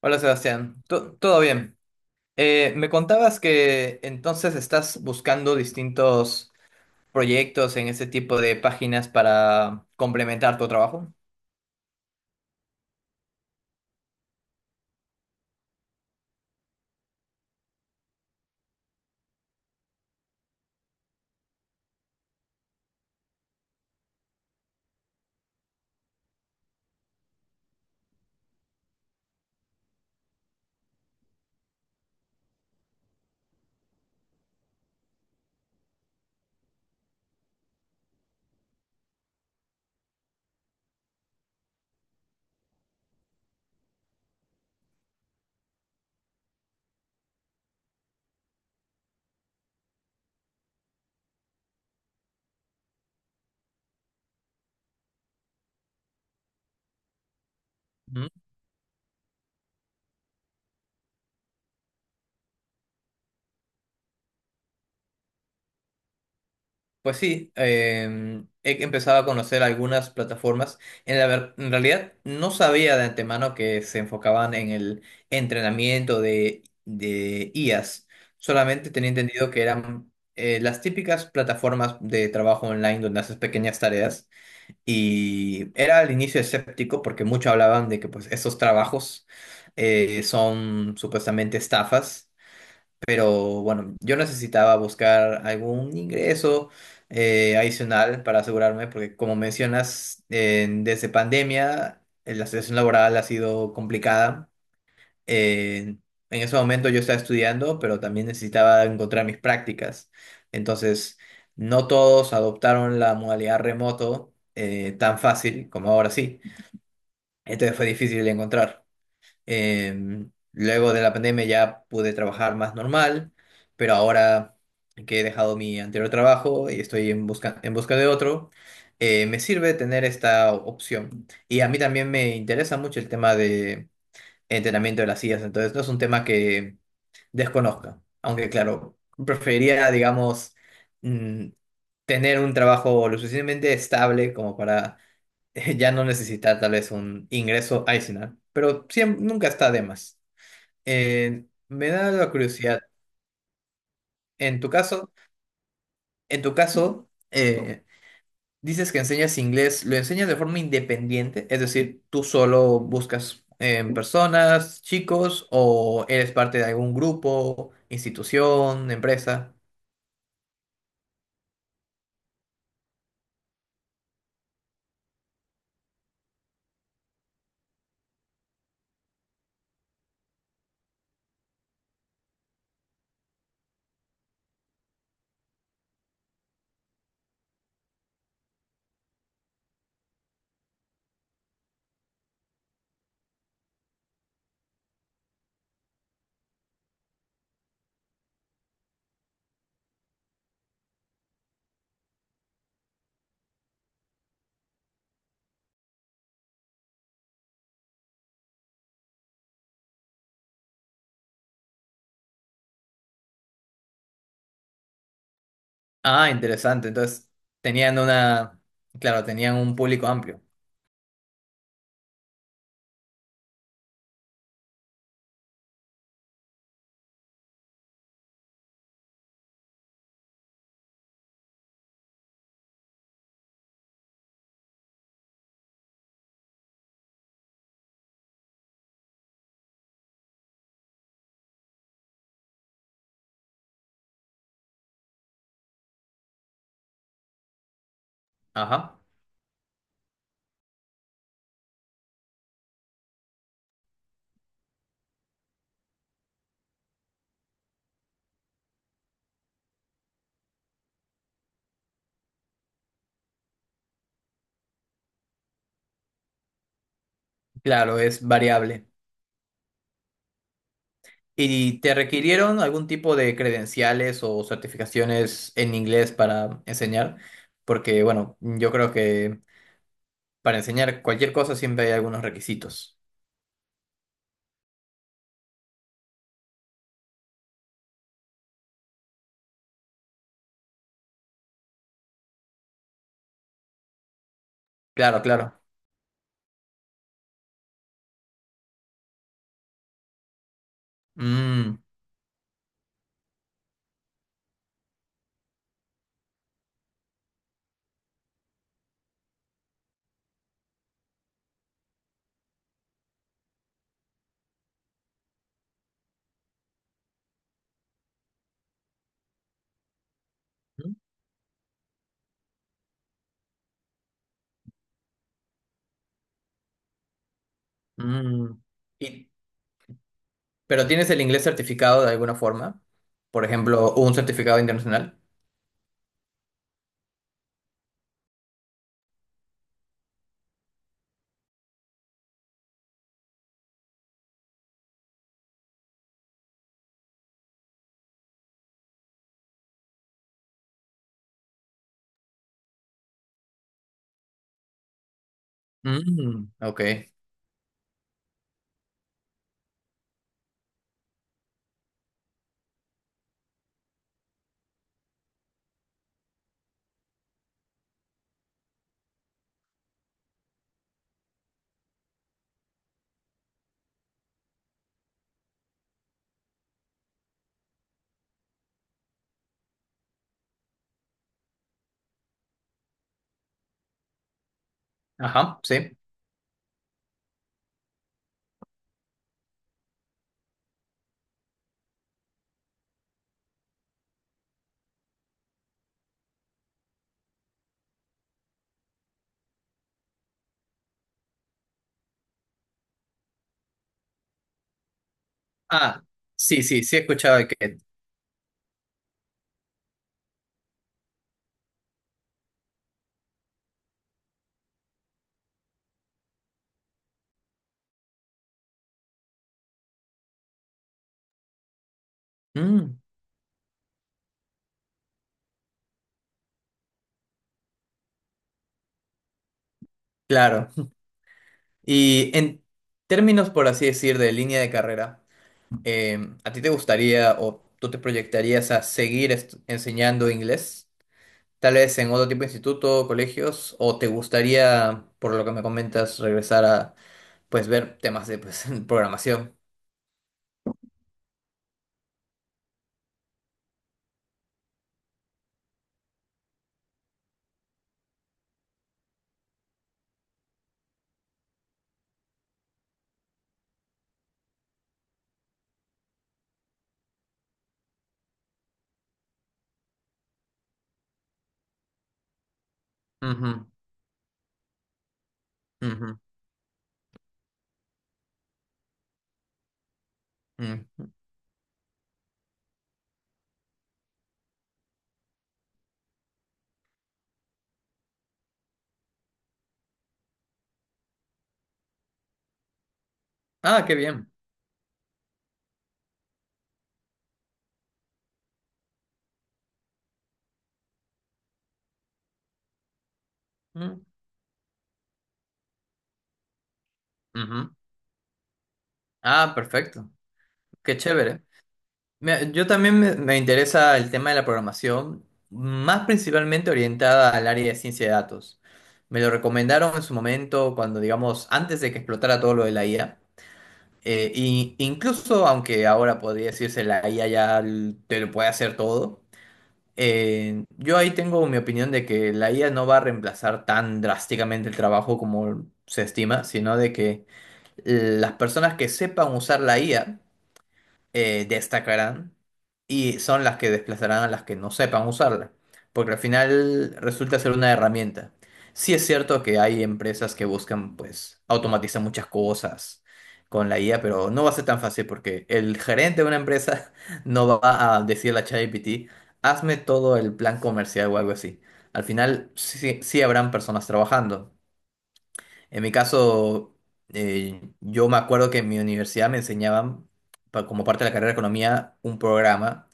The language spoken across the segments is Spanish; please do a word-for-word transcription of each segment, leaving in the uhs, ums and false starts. Hola Sebastián, To- todo bien. Eh, me contabas que entonces estás buscando distintos proyectos en este tipo de páginas para complementar tu trabajo. Ujú. Pues sí, eh, he empezado a conocer algunas plataformas. En la ver- en realidad no sabía de antemano que se enfocaban en el entrenamiento de, de I As. Solamente tenía entendido que eran eh, las típicas plataformas de trabajo online donde haces pequeñas tareas. Y era al inicio escéptico porque muchos hablaban de que pues esos trabajos eh, son supuestamente estafas, pero bueno, yo necesitaba buscar algún ingreso eh, adicional para asegurarme, porque como mencionas, en- desde pandemia eh, la situación laboral ha sido complicada. eh, en ese momento yo estaba estudiando, pero también necesitaba encontrar mis prácticas. Entonces, no todos adoptaron la modalidad remoto eh, tan fácil como ahora sí. Entonces fue difícil de encontrar. Eh, Luego de la pandemia ya pude trabajar más normal, pero ahora que he dejado mi anterior trabajo y estoy en busca, en busca de otro, eh, me sirve tener esta opción. Y a mí también me interesa mucho el tema entrenamiento de las sillas. Entonces, no es un tema que desconozca. Aunque, claro, preferiría, digamos, mm, tener un trabajo lo suficientemente estable como para eh, ya no necesitar tal vez un ingreso adicional. Pero siempre, nunca está de más. Eh, me da la curiosidad. En tu caso, en tu caso, Oh. eh, dices que enseñas inglés, ¿lo enseñas de forma independiente? Es decir, ¿tú solo buscas em, personas, chicos, o eres parte de algún grupo, institución, empresa? Ah, interesante. Entonces, tenían una, claro, tenían un público amplio. Ajá. Claro, es variable. ¿Y te requirieron algún tipo de credenciales o certificaciones en inglés para enseñar? Porque, bueno, yo creo que para enseñar cualquier cosa siempre hay algunos requisitos. Claro, claro. Mm, mm. Y- pero tienes el inglés certificado de alguna forma, por ejemplo, un certificado internacional. Mm, ok. Ajá, sí. Ah, sí, sí, sí, he escuchado de que... Mm, claro. Y en términos, por así decir, de línea de carrera, eh, ¿a ti te gustaría o tú te proyectarías a seguir est- enseñando inglés? Tal vez en otro tipo de instituto, colegios, o te gustaría, por lo que me comentas, regresar a pues ver temas de pues, programación. Ujú, ujú, mm. Ah, qué bien. Mm, ujú. Ah, perfecto. Qué chévere. Mira, yo también me, me interesa el tema de la programación, más principalmente orientada al área de ciencia de datos. Me lo recomendaron en su momento cuando, digamos, antes de que explotara todo lo de la I A. Eh, y incluso aunque ahora podría decirse la I A ya l- te lo puede hacer todo. Eh, yo ahí tengo mi opinión de que la I A no va a reemplazar tan drásticamente el trabajo como se estima, sino de que las personas que sepan usar la I A eh, destacarán y son las que desplazarán a las que no sepan usarla, porque al final resulta ser una herramienta. Sí es cierto que hay empresas que buscan pues automatizar muchas cosas con la I A, pero no va a ser tan fácil porque el gerente de una empresa no va a decirle a ChatGPT, hazme todo el plan comercial o algo así. Al final sí, sí habrán personas trabajando, en mi caso, eh, yo me acuerdo que en mi universidad me enseñaban, pa- como parte de la carrera de economía, un programa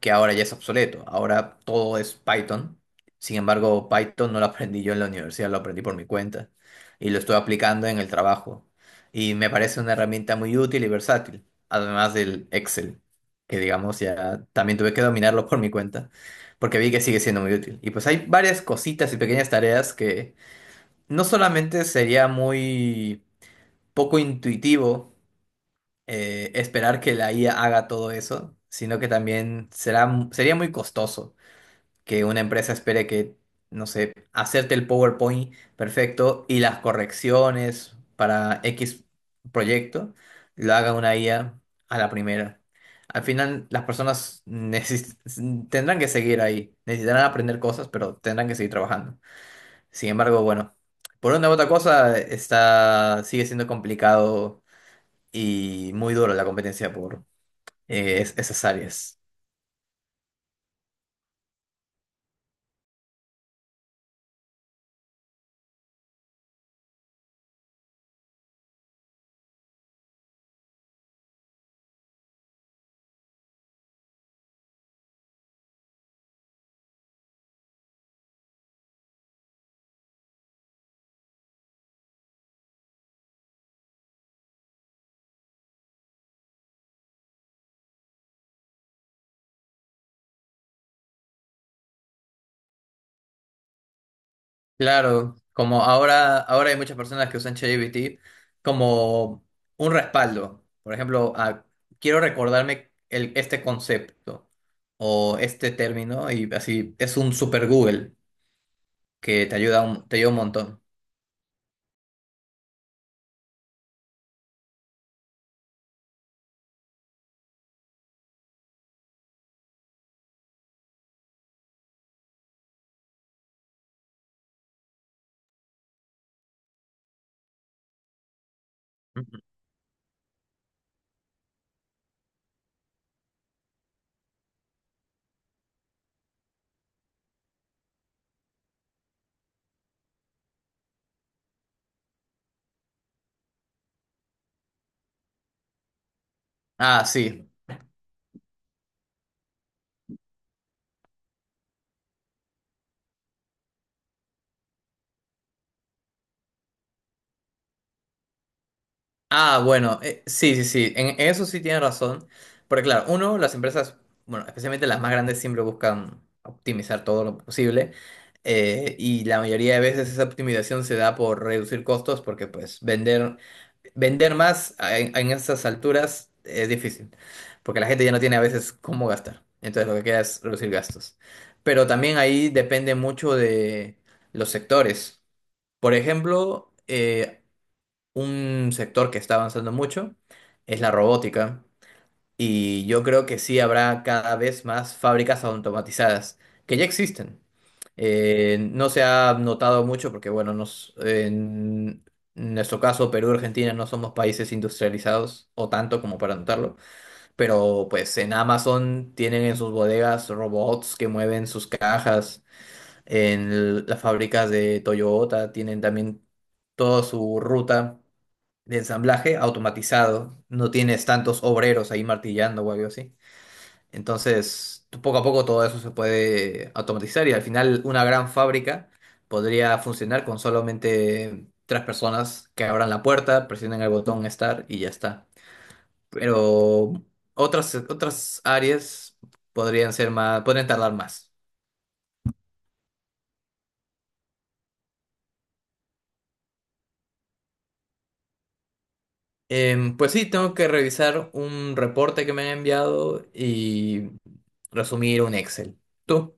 que ahora ya es obsoleto. Ahora todo es Python. Sin embargo, Python no lo aprendí yo en la universidad, lo aprendí por mi cuenta y lo estoy aplicando en el trabajo. Y me parece una herramienta muy útil y versátil, además del Excel, que digamos ya también tuve que dominarlo por mi cuenta, porque vi que sigue siendo muy útil. Y pues hay varias cositas y pequeñas tareas que no solamente sería muy poco intuitivo eh, esperar que la I A haga todo eso, sino que también será, m- sería muy costoso que una empresa espere que, no sé, hacerte el PowerPoint perfecto y las correcciones para X proyecto lo haga una IA a a la primera. Al final, las personas neces- tendrán que seguir ahí, necesitarán aprender cosas, pero tendrán que seguir trabajando. Sin embargo, bueno, por una u otra cosa está, sigue siendo complicado y muy duro la competencia por eh, es- esas áreas. Claro, como ahora, ahora hay muchas personas que usan ChatGPT como un respaldo. Por ejemplo, ah, quiero recordarme el, este concepto o este término y así es un super Google que te ayuda un, te ayuda un montón. Ujú. Ah, sí. Ah, bueno, eh, sí, sí, sí, en eso sí tiene razón, porque claro, uno, las empresas, bueno, especialmente las más grandes siempre buscan optimizar todo lo posible, eh, y la mayoría de veces esa optimización se da por reducir costos porque pues vender, vender más a- en, en estas alturas es difícil, porque la gente ya no tiene a veces cómo gastar, entonces lo que queda es reducir gastos, pero también ahí depende mucho de los sectores. Por ejemplo, eh, un sector que está avanzando mucho es la robótica y yo creo que sí habrá cada vez más fábricas automatizadas que ya existen. Eh, no se ha notado mucho porque, bueno, nos- en nuestro caso, Perú y Argentina no somos países industrializados o tanto como para notarlo, pero pues en Amazon tienen en sus bodegas robots que mueven sus cajas, en l- las fábricas de Toyota tienen también toda su ruta de ensamblaje automatizado, no tienes tantos obreros ahí martillando o algo así. Entonces, tú- poco a poco todo eso se puede automatizar y al final una gran fábrica podría funcionar con solamente tres personas que abran la puerta, presionen el botón Start y ya está. Pero otras, otras áreas podrían ser más, podrían tardar más. Em, pues sí, tengo que revisar un reporte que me han enviado y resumir un Excel. ¿Tú?